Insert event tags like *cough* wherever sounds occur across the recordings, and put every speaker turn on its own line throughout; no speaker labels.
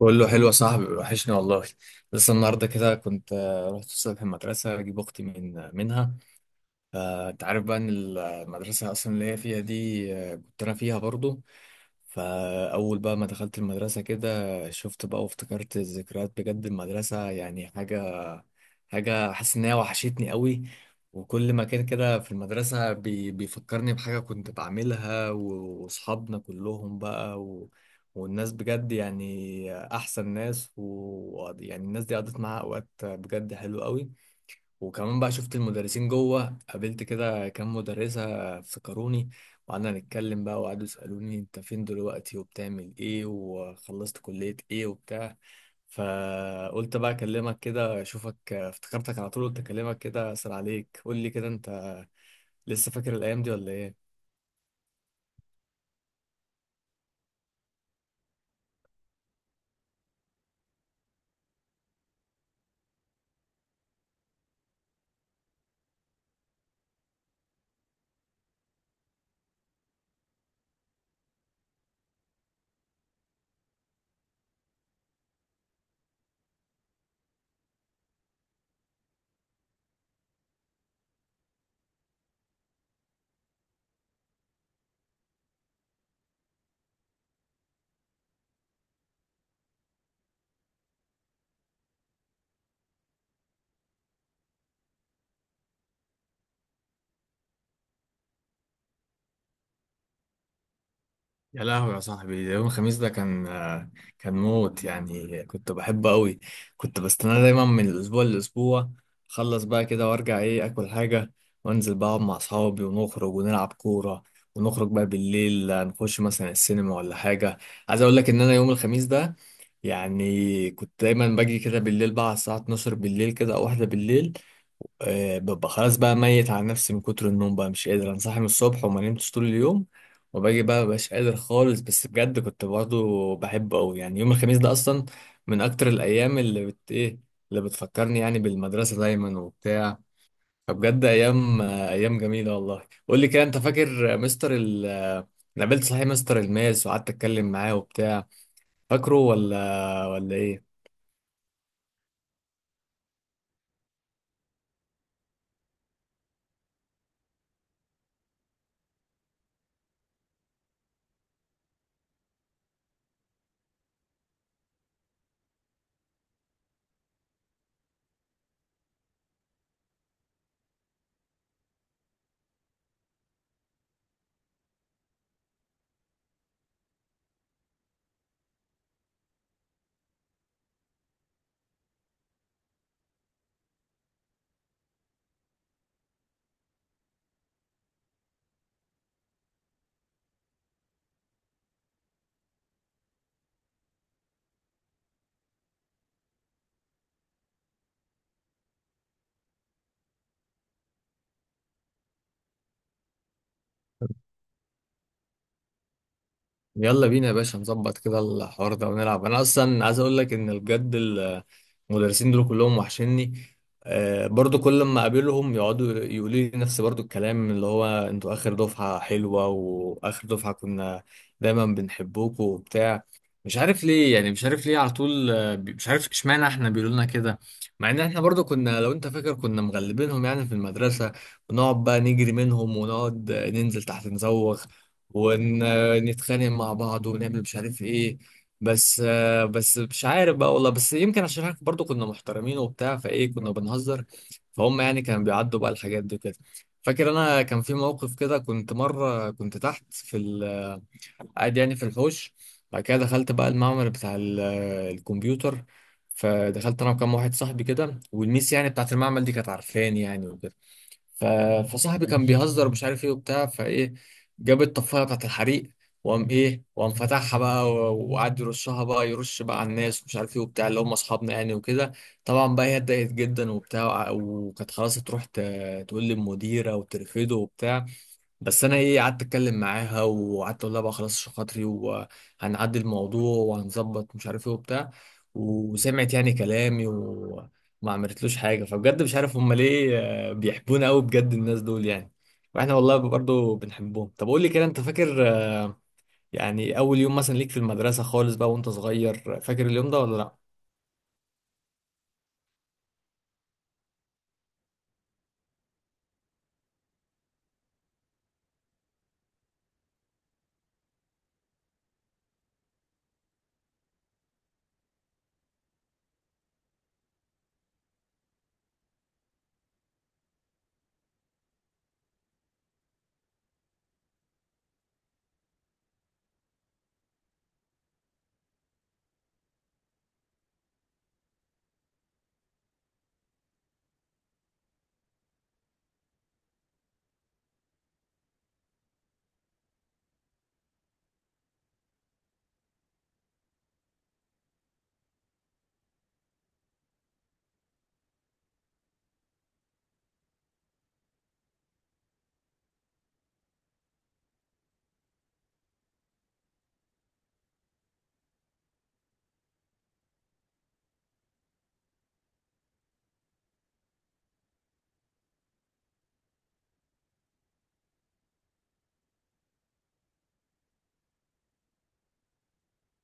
بقول له حلو يا صاحبي وحشني والله. لسه النهارده كده كنت رحت الصبح المدرسه اجيب اختي منها. فانت عارف بقى ان المدرسه اصلا اللي هي فيها دي كنت انا فيها برضو. فاول بقى ما دخلت المدرسه كده شفت بقى وافتكرت الذكريات بجد المدرسه يعني حاجه. حاسس إن هي وحشتني قوي. وكل مكان كده في المدرسة بيفكرني بحاجة كنت بعملها وأصحابنا كلهم بقى والناس بجد يعني أحسن ناس، ويعني الناس دي قضيت معاها أوقات بجد حلوة قوي. وكمان بقى شفت المدرسين جوه، قابلت كده كام مدرسة افتكروني. وقعدنا نتكلم بقى وقعدوا يسألوني انت فين دلوقتي وبتعمل ايه وخلصت كلية ايه وبتاع. فقلت بقى اكلمك كده اشوفك، افتكرتك على طول قلت اكلمك كده اسأل عليك. قول لي كده انت لسه فاكر الايام دي ولا ايه؟ يا لهوي يا صاحبي، ده يوم الخميس ده كان موت يعني، كنت بحبه قوي. كنت بستناه دايما من الاسبوع للاسبوع. اخلص بقى كده وارجع ايه، اكل حاجه وانزل بقى اقعد مع اصحابي ونخرج ونلعب كوره. ونخرج بقى بالليل نخش مثلا السينما ولا حاجه. عايز اقول لك ان انا يوم الخميس ده يعني كنت دايما باجي كده بالليل بقى على الساعه 12 بالليل كده او واحده بالليل. ببقى خلاص بقى ميت على نفسي من كتر النوم بقى، مش قادر، انا صاحي من الصبح وما نمتش طول اليوم. وباجي بقى مبقاش قادر خالص، بس بجد كنت برضه بحبه قوي يعني. يوم الخميس ده اصلا من اكتر الايام اللي بت ايه اللي بتفكرني يعني بالمدرسه دايما وبتاع. فبجد ايام ايام جميله والله. قول لي كده انت فاكر مستر ال آه، أنا قابلت صحيح مستر الماس وقعدت اتكلم معاه وبتاع. فاكره ولا ايه؟ يلا بينا يا باشا نظبط كده الحوار ده ونلعب. انا اصلا عايز اقول لك ان بجد المدرسين دول كلهم وحشني. برضو كل ما اقابلهم يقعدوا يقولوا لي نفس برضو الكلام، اللي هو انتوا اخر دفعة حلوة واخر دفعة كنا دايما بنحبوكوا وبتاع. مش عارف ليه يعني، مش عارف ليه على طول مش عارف اشمعنى احنا بيقولوا لنا كده. مع ان احنا برضو كنا، لو انت فاكر، كنا مغلبينهم يعني في المدرسة. ونقعد بقى نجري منهم ونقعد ننزل تحت نزوغ ون... نتخانق مع بعض ونعمل مش عارف ايه. بس مش عارف بقى والله، بس يمكن عشان احنا برضو كنا محترمين وبتاع فايه، كنا بنهزر فهم يعني، كانوا بيعدوا بقى الحاجات دي كده. فاكر انا كان في موقف كده، كنت مره كنت تحت في قاعد يعني في الحوش. بعد كده دخلت بقى المعمل بتاع الكمبيوتر. فدخلت انا وكام واحد صاحبي كده، والميس يعني بتاعت المعمل دي كانت عارفاني يعني وكده. ف... فصاحبي كان بيهزر ومش عارف ايه وبتاع، فايه جاب الطفايه بتاعت الحريق. وقام ايه، وقام فتحها بقى وقعد يرشها بقى، يرش بقى على الناس ومش عارف ايه وبتاع، اللي هم اصحابنا يعني وكده. طبعا بقى هي اتضايقت جدا وبتاع وكانت خلاص تروح تقول للمديره وترفضه وبتاع. بس انا ايه، قعدت اتكلم معاها وقعدت اقول لها بقى خلاص عشان خاطري، وهنعدي الموضوع وهنظبط مش عارف ايه وبتاع. وسمعت يعني كلامي وما عملتلوش حاجه. فبجد مش عارف هم ليه بيحبونا قوي بجد الناس دول يعني. واحنا والله برضه بنحبهم. طب قول لي كده انت فاكر يعني اول يوم مثلا ليك في المدرسه خالص بقى وانت صغير، فاكر اليوم ده ولا لا؟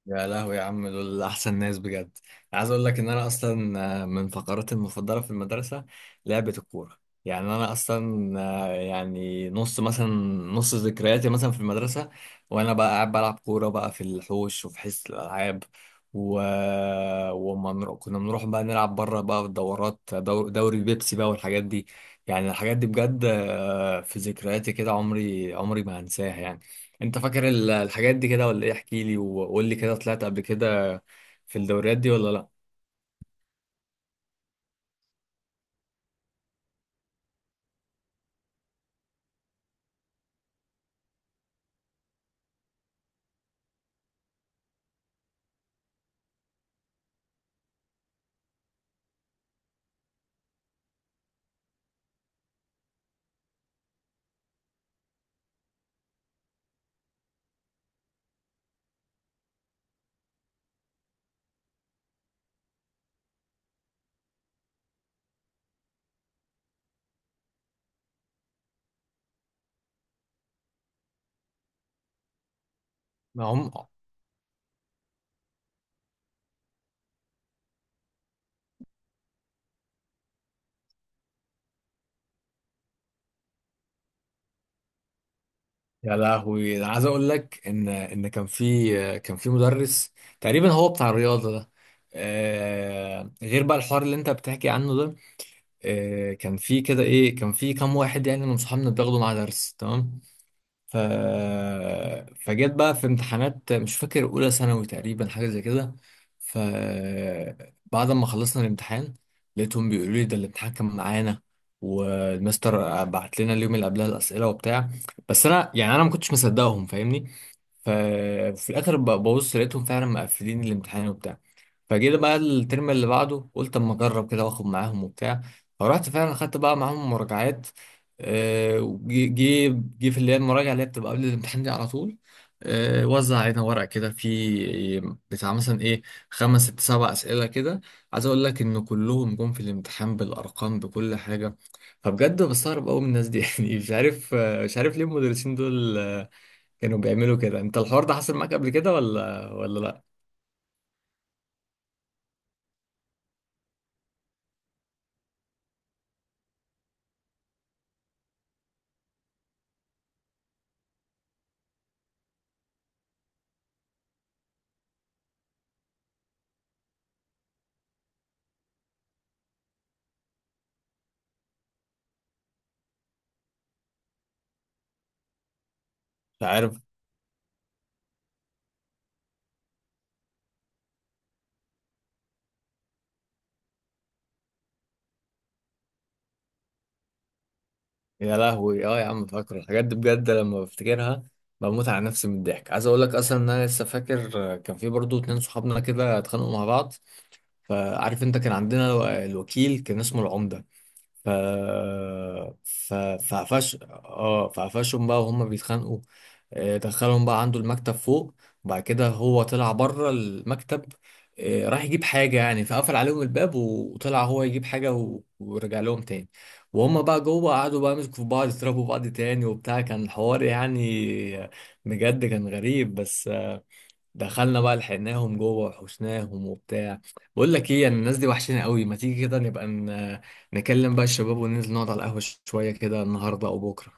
يا لهوي يا عم، دول احسن ناس بجد. عايز اقول لك ان انا اصلا من فقراتي المفضله في المدرسه لعبه الكوره. يعني انا اصلا يعني نص ذكرياتي مثلا في المدرسه، وانا بقى قاعد بلعب كوره بقى في الحوش وفي حصه الالعاب. و... كنا بنروح بقى نلعب بره بقى في الدورات، دوري بيبسي بقى والحاجات دي. يعني الحاجات دي بجد في ذكرياتي كده، عمري ما هنساها يعني. انت فاكر الحاجات دي كده ولا ايه؟ احكي لي وقول لي كده، طلعت قبل كده في الدوريات دي ولا لا؟ ما هم. يا لهوي انا عايز اقول لك ان كان في مدرس تقريبا هو بتاع الرياضه ده، آه، غير بقى الحوار اللي انت بتحكي عنه ده. كان في كام واحد يعني من صحابنا بتاخده مع درس تمام. ف... فجيت بقى في امتحانات، مش فاكر اولى ثانوي تقريبا حاجه زي كده. ف بعد ما خلصنا الامتحان لقيتهم بيقولوا لي ده الامتحان كان معانا، والمستر بعت لنا اليوم اللي قبلها الاسئله وبتاع. بس انا يعني، انا ما كنتش مصدقهم فاهمني. ففي الاخر ببص لقيتهم فعلا مقفلين الامتحان وبتاع. فجيت بقى الترم اللي بعده قلت اما اجرب كده واخد معاهم وبتاع. فرحت فعلا خدت بقى معاهم مراجعات. وجي جي جي في اللي هي المراجعه، اللي هي بتبقى قبل الامتحان دي على طول، وزع علينا ورق كده في، بتاع مثلا ايه، خمس ست سبع اسئله كده. عايز اقول لك ان كلهم جم في الامتحان بالارقام بكل حاجه. فبجد بستغرب قوي من الناس دي *laughs* يعني مش عارف مش عارف ليه المدرسين دول كانوا بيعملوا كده. انت الحوار ده حصل معاك قبل كده ولا لا؟ يا لهوي، اه يا عم، فاكره الحاجات دي بجد، لما بفتكرها بموت على نفسي من الضحك. عايز اقول لك اصلا ان انا لسه فاكر كان في برضو اتنين صحابنا كده اتخانقوا مع بعض. فعارف انت كان عندنا الوكيل كان اسمه العمدة. ف ف فعفش اه فعفشهم بقى وهم بيتخانقوا. دخلهم بقى عنده المكتب فوق. وبعد كده هو طلع بره المكتب، راح يجيب حاجة يعني، فقفل عليهم الباب وطلع هو يجيب حاجة ورجع لهم تاني. وهم بقى جوه قعدوا بقى يمسكوا في بعض، يضربوا بعض تاني وبتاع، كان حوار يعني بجد كان غريب. بس دخلنا بقى لحقناهم جوه وحشناهم وبتاع. بقول لك ايه، يعني الناس دي وحشنا قوي، ما تيجي كده نبقى نكلم بقى الشباب وننزل نقعد على القهوة شوية كده النهاردة او بكرة.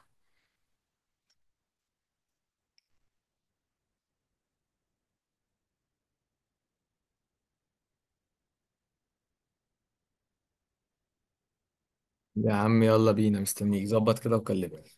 يا عم يلا بينا، مستنيك ظبط كده وكلمني.